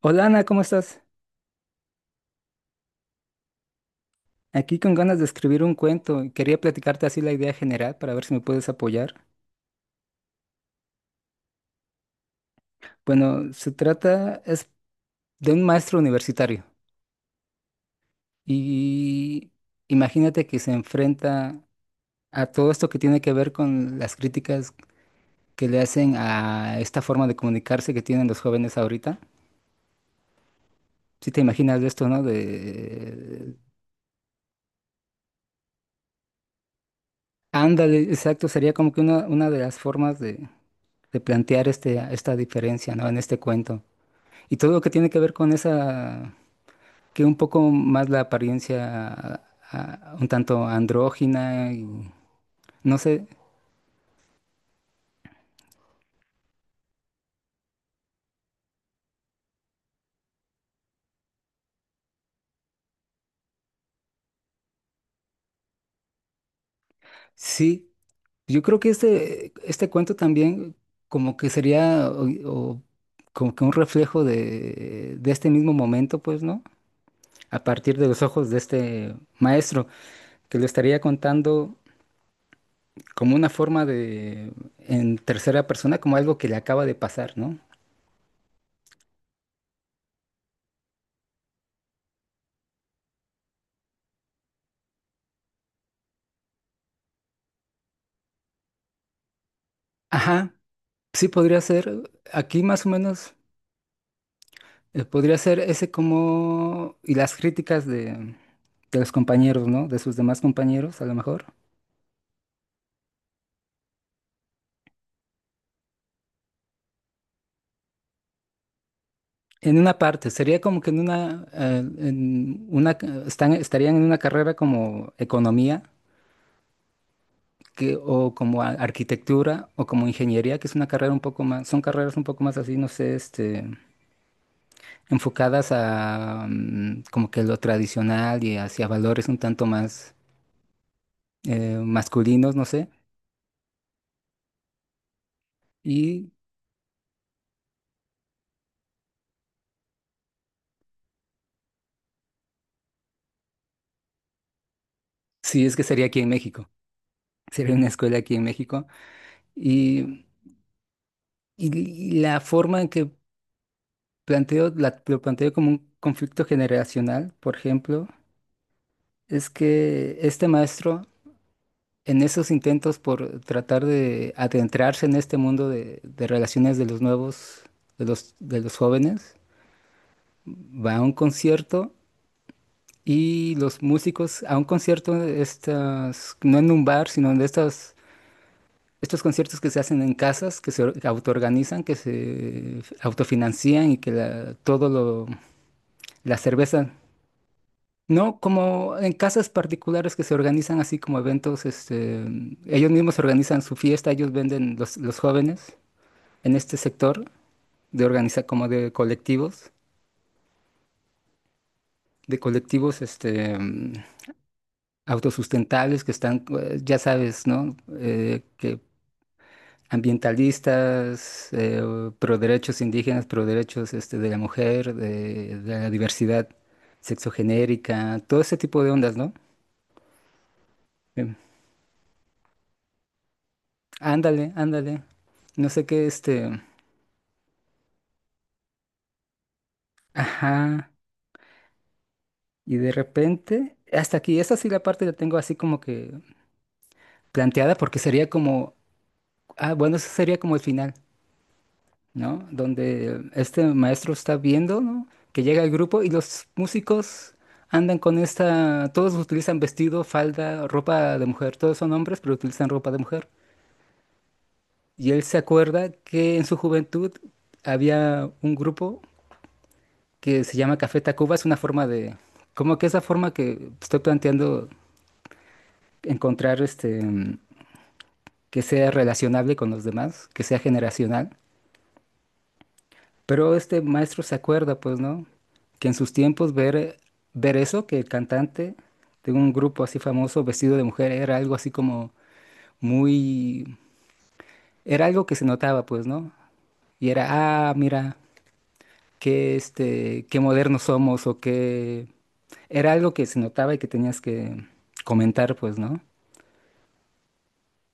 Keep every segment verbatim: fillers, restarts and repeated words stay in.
Hola Ana, ¿cómo estás? Aquí con ganas de escribir un cuento y quería platicarte así la idea general para ver si me puedes apoyar. Bueno, se trata es de un maestro universitario, y imagínate que se enfrenta a todo esto que tiene que ver con las críticas que le hacen a esta forma de comunicarse que tienen los jóvenes ahorita. Si te imaginas de esto, ¿no? De ándale, exacto, sería como que una, una de las formas de, de plantear este, esta diferencia, ¿no? En este cuento. Y todo lo que tiene que ver con esa, que un poco más la apariencia ah, un tanto andrógina y no sé. Sí, yo creo que este, este cuento también como que sería o- o como que un reflejo de, de este mismo momento, pues, ¿no? A partir de los ojos de este maestro, que lo estaría contando como una forma de, en tercera persona, como algo que le acaba de pasar, ¿no? Ajá, sí podría ser. Aquí más o menos. Eh, Podría ser ese como... y las críticas de, de los compañeros, ¿no? De sus demás compañeros, a lo mejor. En una parte, sería como que en una... eh, en una ca- están, estarían en una carrera como economía, que, o como a- arquitectura, o como ingeniería, que es una carrera un poco más... Son carreras un poco más así, no sé, este, enfocadas a mm, como que lo tradicional y hacia valores un tanto más eh, masculinos, no sé. Y sí, es que sería aquí en México. Sería una escuela aquí en México. Y, y- y la forma en que planteo, la- lo planteo como un conflicto generacional, por ejemplo, es que este maestro, en esos intentos por tratar de adentrarse en este mundo de, de relaciones de los nuevos, de los, de los jóvenes, va a un concierto. Y los músicos a un concierto de estas, no en un bar, sino de estas estos conciertos que se hacen en casas, que se or- autoorganizan, que se autofinancian y que la- todo lo, la cerveza, no como en casas particulares que se organizan así como eventos, este, ellos mismos organizan su fiesta, ellos venden los, los jóvenes en este sector de organizar como de colectivos, de colectivos este, mm, autosustentables que están, eh, ya sabes, ¿no? Eh, que ambientalistas, eh, pro derechos indígenas, pro derechos este, de la mujer, de, de la diversidad sexogenérica, todo ese tipo de ondas, ¿no? Em, ándale, ándale. No sé qué, este. Ajá. Y de repente, hasta aquí, esa sí la parte la tengo así como que planteada porque sería como. Ah, bueno, eso sería como el final. ¿No? Donde este maestro está viendo, ¿no? Que llega el grupo y los músicos andan con esta, todos utilizan vestido, falda, ropa de mujer, todos son hombres, pero utilizan ropa de mujer. Y él se acuerda que en su juventud había un grupo que se llama Café Tacuba, es una forma de, como que esa forma que estoy planteando encontrar este, que sea relacionable con los demás, que sea generacional. Pero este maestro se acuerda, pues, ¿no? Que en sus tiempos ver, ver eso, que el cantante de un grupo así famoso vestido de mujer era algo así como muy... Era algo que se notaba, pues, ¿no? Y era, ah, mira, qué, este, qué modernos somos o qué... Era algo que se notaba y que tenías que comentar, pues, ¿no?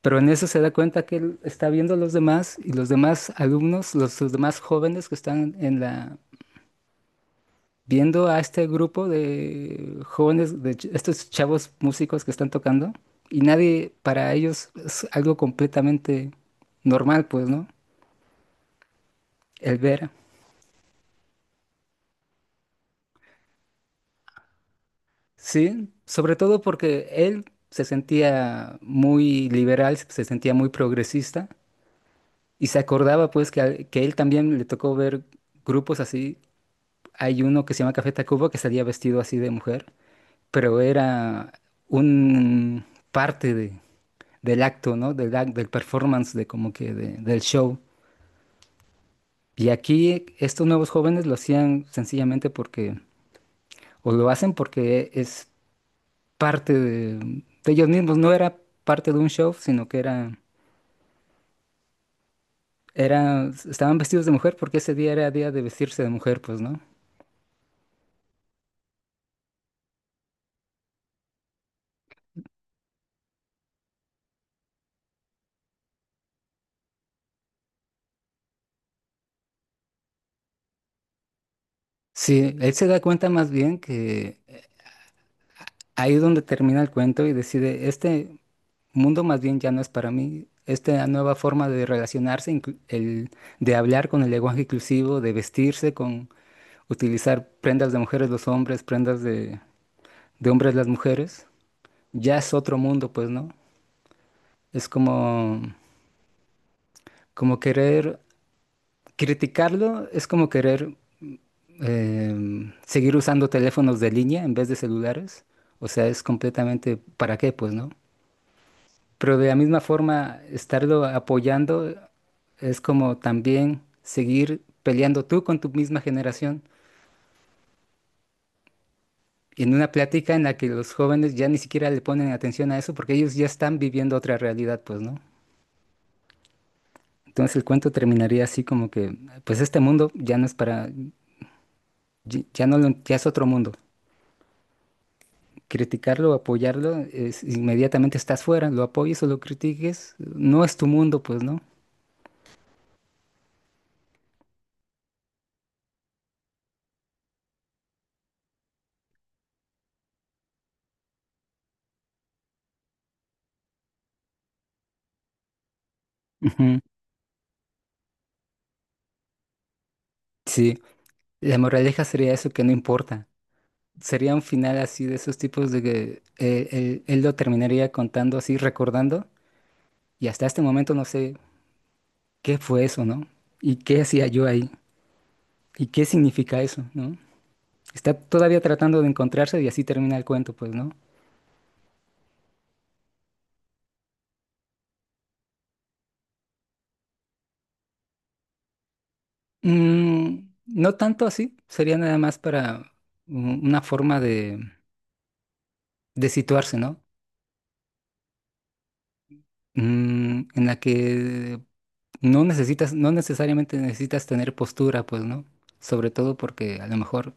Pero en eso se da cuenta que él está viendo a los demás y los demás alumnos, los, los demás jóvenes que están en la, viendo a este grupo de jóvenes, de ch- estos chavos músicos que están tocando, y nadie, para ellos es algo completamente normal, pues, ¿no? El ver. Sí, sobre todo porque él se sentía muy liberal, se sentía muy progresista, y se acordaba, pues, que, a- que él también le tocó ver grupos así. Hay uno que se llama Café Tacuba que salía vestido así de mujer. Pero era un parte de, del acto, ¿no? Del, ac- del performance, de como que de- del show. Y aquí estos nuevos jóvenes lo hacían sencillamente porque, o lo hacen porque es parte de, de ellos mismos, no era parte de un show, sino que era, era, estaban vestidos de mujer porque ese día era día de vestirse de mujer, pues, ¿no? Sí, él se da cuenta más bien que eh, ahí es donde termina el cuento y decide, este, mundo más bien ya no es para mí. Esta nueva forma de relacionarse, inclu- el, de hablar con el lenguaje inclusivo, de vestirse con utilizar prendas de mujeres los hombres, prendas de, de hombres las mujeres, ya es otro mundo, pues, ¿no? Es como, como querer criticarlo, es como querer em, seguir usando teléfonos de línea en vez de celulares. O sea, es completamente, ¿para qué, pues, no? Pero de la misma forma, estarlo apoyando es como también seguir peleando tú con tu misma generación. Y en una plática en la que los jóvenes ya ni siquiera le ponen atención a eso porque ellos ya están viviendo otra realidad, pues, ¿no? Entonces el cuento terminaría así como que, pues este mundo ya no es para, y- ya no lo- ya es otro mundo. Criticarlo, apoyarlo, es- inmediatamente estás fuera, lo apoyes o lo critiques, no es tu mundo, pues, ¿no? Ujú. Sí, la moraleja sería eso que no importa. Sería un final así de esos tipos de que eh, él, él lo terminaría contando así, recordando, y hasta este momento no sé qué fue eso, ¿no? ¿Y qué hacía yo ahí? ¿Y qué significa eso, no? Está todavía tratando de encontrarse y así termina el cuento, pues, ¿no? Mm, no tanto así, sería nada más para un- una forma de, de situarse, ¿no? Mm, en la que no necesitas, no necesariamente necesitas tener postura, pues, ¿no? Sobre todo porque a lo mejor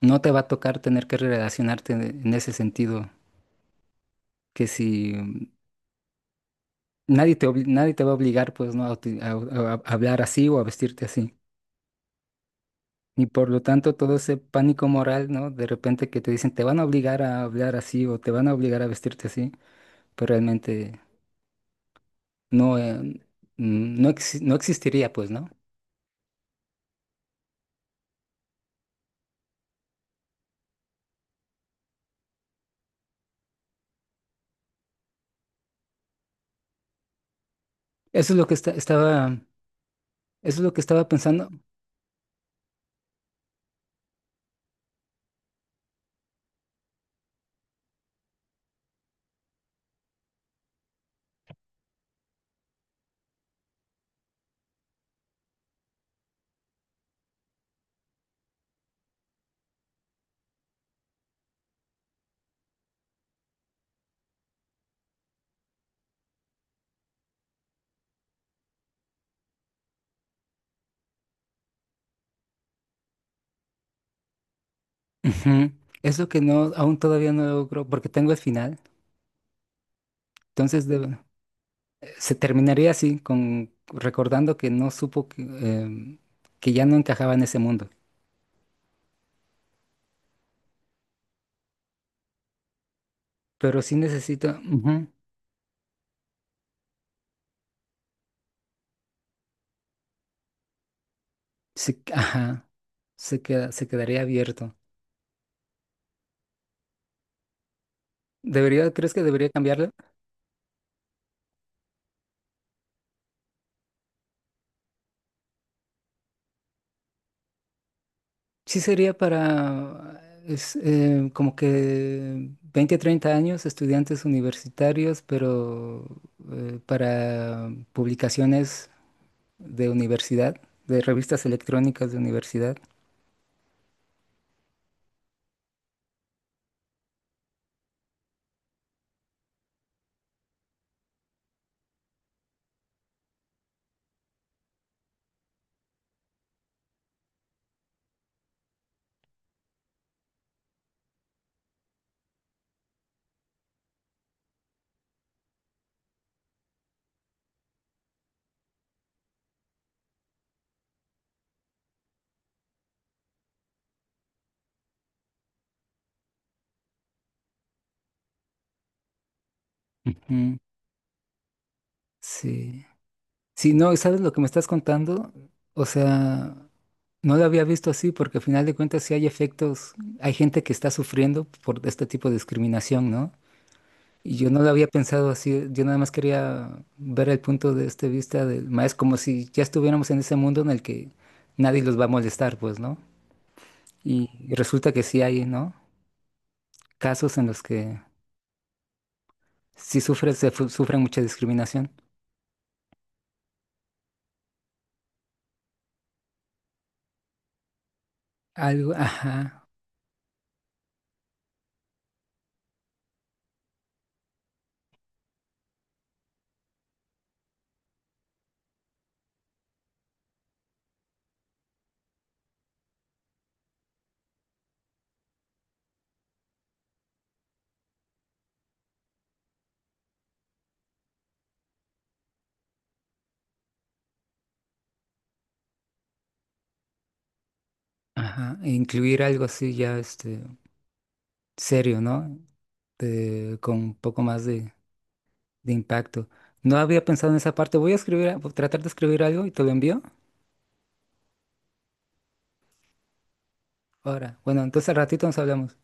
no te va a tocar tener que relacionarte en en ese sentido, que si mm, nadie te, obli- nadie te va a obligar pues no a, uti- a- a- a hablar así o a vestirte así. Y por lo tanto todo ese pánico moral, ¿no? De repente que te dicen te van a obligar a hablar así o te van a obligar a vestirte así, pero realmente no, eh, mm, no, exi- no existiría pues, ¿no? Eso es lo que esta- estaba, eso es lo que estaba pensando. Ujú. Es lo que no, aún todavía no logro, porque tengo el final. Entonces, debo- se terminaría así, con recordando que no supo que, em, que ya no encajaba en ese mundo. Pero sí necesito, ujú, sí, ajá, se queda, se quedaría abierto. ¿Debería, crees que debería cambiarlo? Sí sería para es, em, como que veinte, treinta años, estudiantes universitarios, pero eh, para publicaciones de universidad, de revistas electrónicas de universidad. Ujú. Sí. Sí, no, ¿sabes lo que me estás contando? O sea, no lo había visto así porque al final de cuentas sí hay efectos, hay gente que está sufriendo por este tipo de discriminación, ¿no? Y yo no lo había pensado así, yo nada más quería ver el punto de este vista del maestro, como si ya estuviéramos en ese mundo en el que nadie los va a molestar, pues, ¿no? Y y resulta que sí hay, ¿no? Casos en los que sí sufre, se fu- sufre mucha discriminación. Algo, ajá, ajá, e incluir algo así ya, este, serio, ¿no? de- con un poco más de, de impacto. No había pensado en esa parte. Voy a escribir, a- tratar de escribir algo y te lo envío. Ahora, bueno, entonces al ratito nos hablamos.